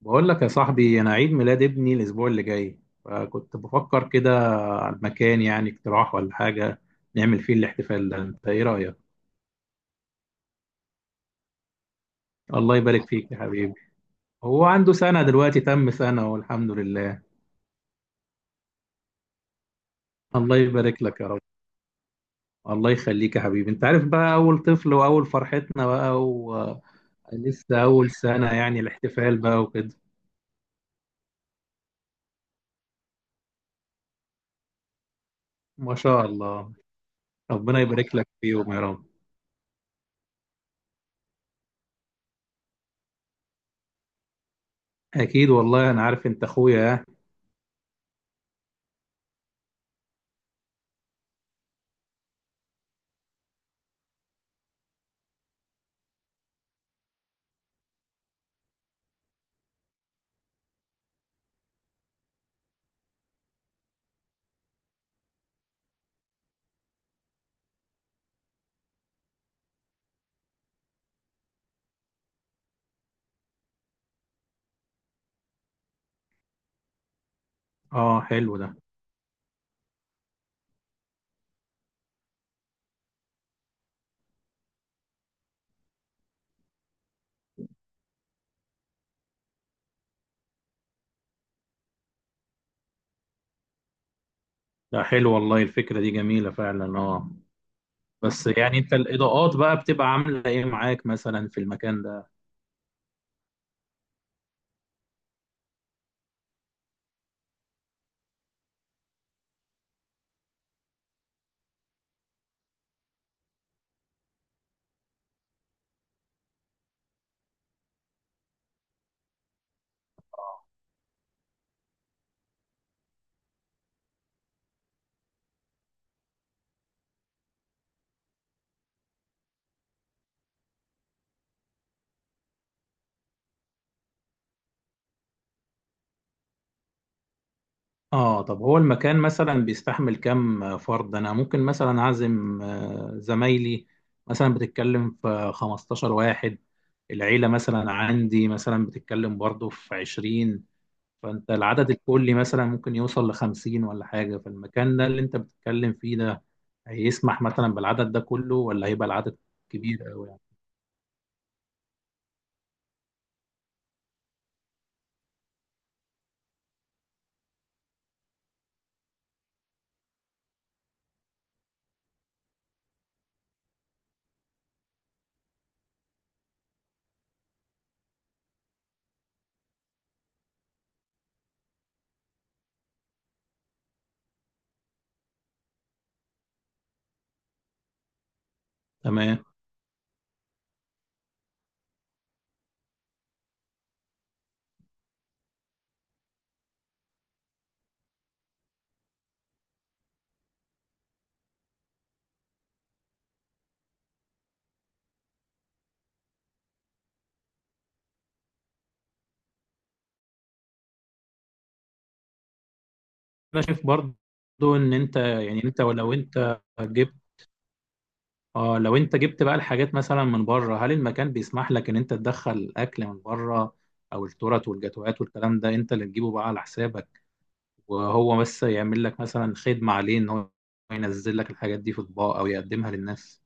بقول لك يا صاحبي، انا عيد ميلاد ابني الاسبوع اللي جاي، فكنت بفكر كده على المكان، يعني اقتراح ولا حاجه نعمل فيه الاحتفال ده. انت ايه رايك؟ الله يبارك فيك يا حبيبي. هو عنده سنه دلوقتي، تم سنه والحمد لله. الله يبارك لك يا رب. الله يخليك يا حبيبي. انت عارف بقى اول طفل واول فرحتنا بقى، ولسه اول سنه يعني الاحتفال بقى وكده. ما شاء الله، ربنا يبارك لك فيهم يا رب. اكيد والله انا عارف، انت اخويا. اه حلو ده. لا حلو والله، الفكرة دي جميلة فعلا، اه. بس يعني انت الإضاءات بقى بتبقى عاملة ايه معاك مثلا في المكان ده؟ اه، طب هو المكان مثلا بيستحمل كام فرد؟ انا ممكن مثلا اعزم زمايلي، مثلا بتتكلم في 15 واحد، العيلة مثلا عندي مثلا بتتكلم برضو في 20، فانت العدد الكلي مثلا ممكن يوصل ل 50 ولا حاجة. فالمكان ده اللي انت بتتكلم فيه ده هيسمح مثلا بالعدد ده كله، ولا هيبقى العدد كبير قوي يعني؟ تمام. انا شايف برضو ان انت يعني، انت ولو انت جبت، اه لو انت جبت بقى الحاجات مثلا من بره، هل المكان بيسمح لك ان انت تدخل اكل من بره؟ او التورت والجاتوهات والكلام ده انت اللي تجيبه بقى على حسابك، وهو بس يعمل لك مثلا خدمة عليه ان هو ينزل لك الحاجات دي في اطباق او يقدمها للناس.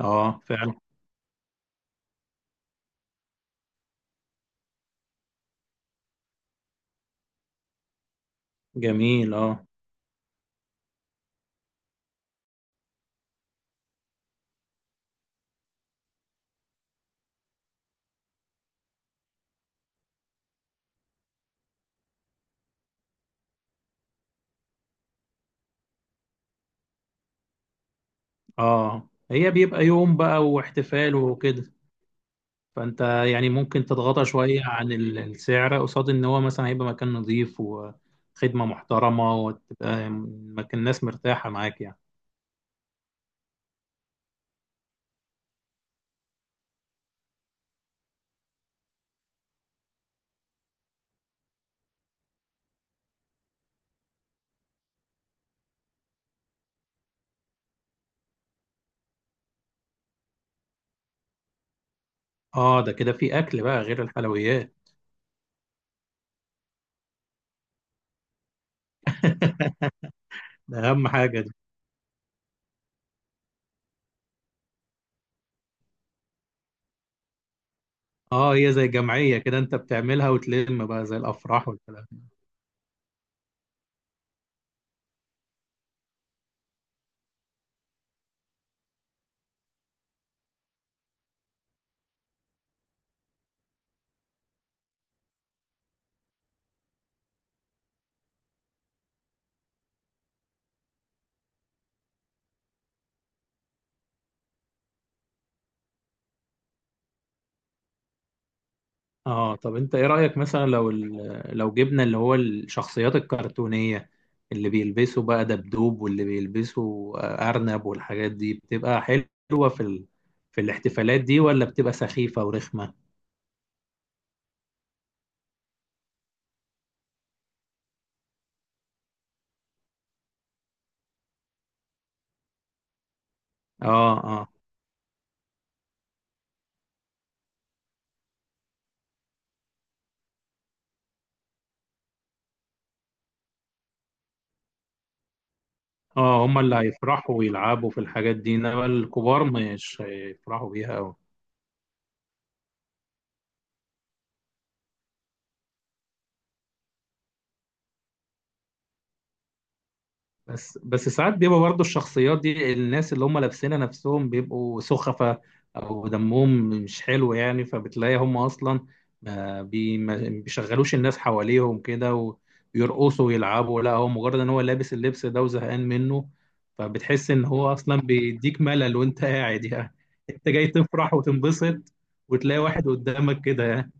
اه فعلا. جميل اه. اه هي بيبقى يوم بقى واحتفال وكده، فانت يعني ممكن تتغاضى شويه عن السعر قصاد ان هو مثلا هيبقى مكان نظيف وخدمه محترمه، وتبقى مكان الناس مرتاحه معاك يعني. اه ده كده في اكل بقى غير الحلويات. ده اهم حاجه دي. اه هي زي جمعيه كده انت بتعملها وتلم بقى زي الافراح والكلام. اه طب انت ايه رأيك مثلا لو لو جبنا اللي هو الشخصيات الكرتونية، اللي بيلبسوا بقى دبدوب واللي بيلبسوا أرنب والحاجات دي، بتبقى حلوة في في الاحتفالات دي، ولا بتبقى سخيفة ورخمة؟ اه، اه. اه هما اللي هيفرحوا ويلعبوا في الحاجات دي، انما الكبار مش هيفرحوا بيها أوي. بس بس ساعات بيبقى برضه الشخصيات دي، الناس اللي هم لابسينها نفسهم بيبقوا سخفة او دمهم مش حلو يعني، فبتلاقي هم اصلا ما بيشغلوش الناس حواليهم كده ويرقصوا ويلعبوا، لا هو مجرد ان هو لابس اللبس ده وزهقان منه، فبتحس ان هو اصلا بيديك ملل وانت قاعد يعني. انت جاي تفرح وتنبسط، وتلاقي واحد قدامك كده يعني.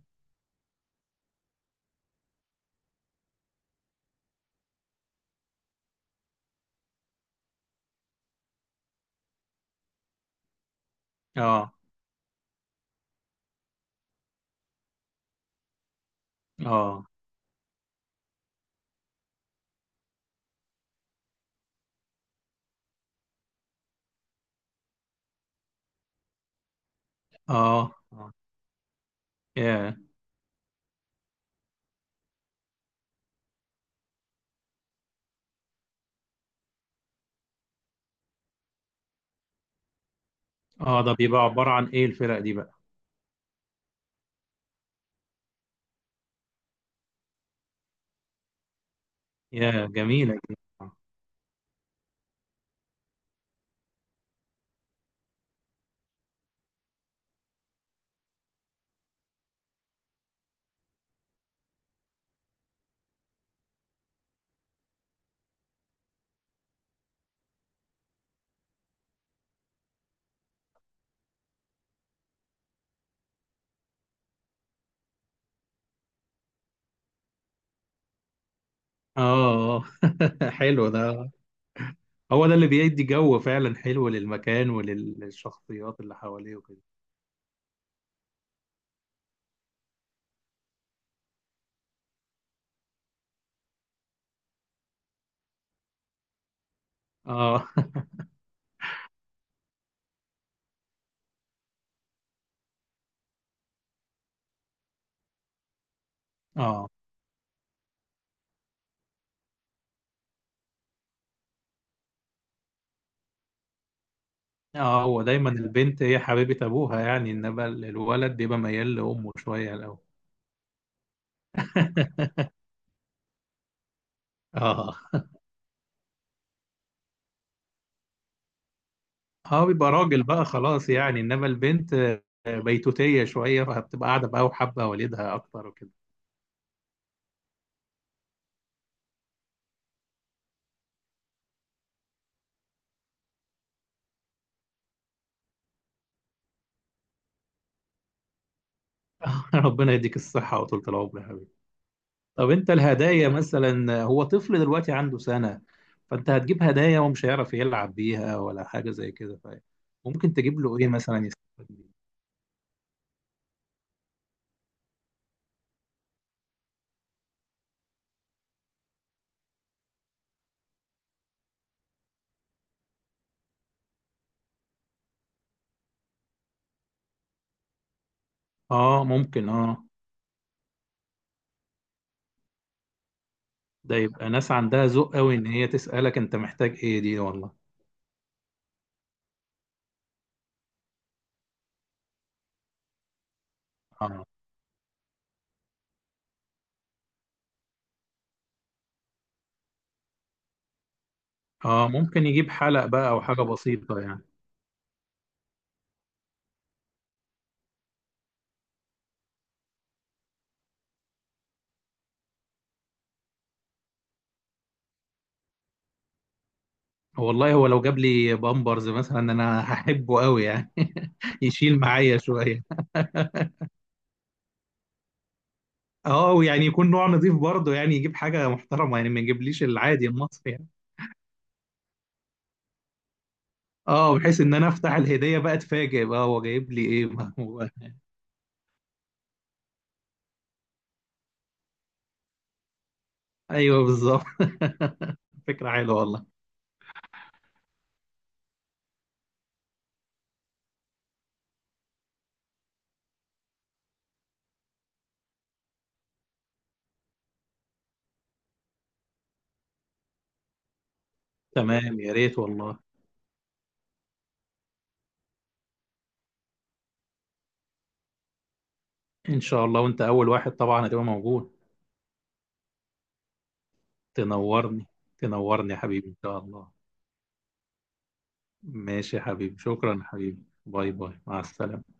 اه، اه. اه، اه. ياه. اه ده بيبقى عبارة عن ايه الفرق دي بقى؟ يا جميلة، اه. آه. حلو ده. هو ده اللي بيدي جو فعلا حلو للمكان وللشخصيات اللي حواليه وكده. اه. اه، اه. هو دايما البنت هي حبيبة ابوها يعني، انما الولد بيبقى ميال لامه شوية الاول. اه. اه بيبقى راجل بقى خلاص يعني، انما البنت بيتوتية شوية، فبتبقى قاعدة بقى وحابة والدها اكتر وكده. ربنا يديك الصحة وطولة العمر يا حبيبي. طب انت الهدايا مثلا، هو طفل دلوقتي عنده سنة، فانت هتجيب هدايا ومش هيعرف يلعب بيها ولا حاجة زي كده، فممكن تجيب له ايه مثلا يستفاد بيه؟ اه ممكن، اه. ده يبقى ناس عندها ذوق قوي ان هي تسألك انت محتاج ايه دي، والله. اه. اه ممكن يجيب حلق بقى او حاجة بسيطة يعني. والله هو لو جاب لي بامبرز مثلا انا هحبه قوي يعني، يشيل معايا شوية. اه، ويعني يكون نوع نظيف برضه، يعني يجيب حاجة محترمة يعني، ما يجيبليش العادي المصري يعني. اه، بحيث ان انا افتح الهديه بقى اتفاجئ بقى هو جايب لي ايه، ما هو. ايوه بالظبط. فكره حلوه والله. تمام يا ريت والله. ان شاء الله، وانت اول واحد طبعا هتبقى موجود. تنورني، تنورني يا حبيبي ان شاء الله. ماشي يا حبيبي، شكرا يا حبيبي، باي باي، مع السلامه.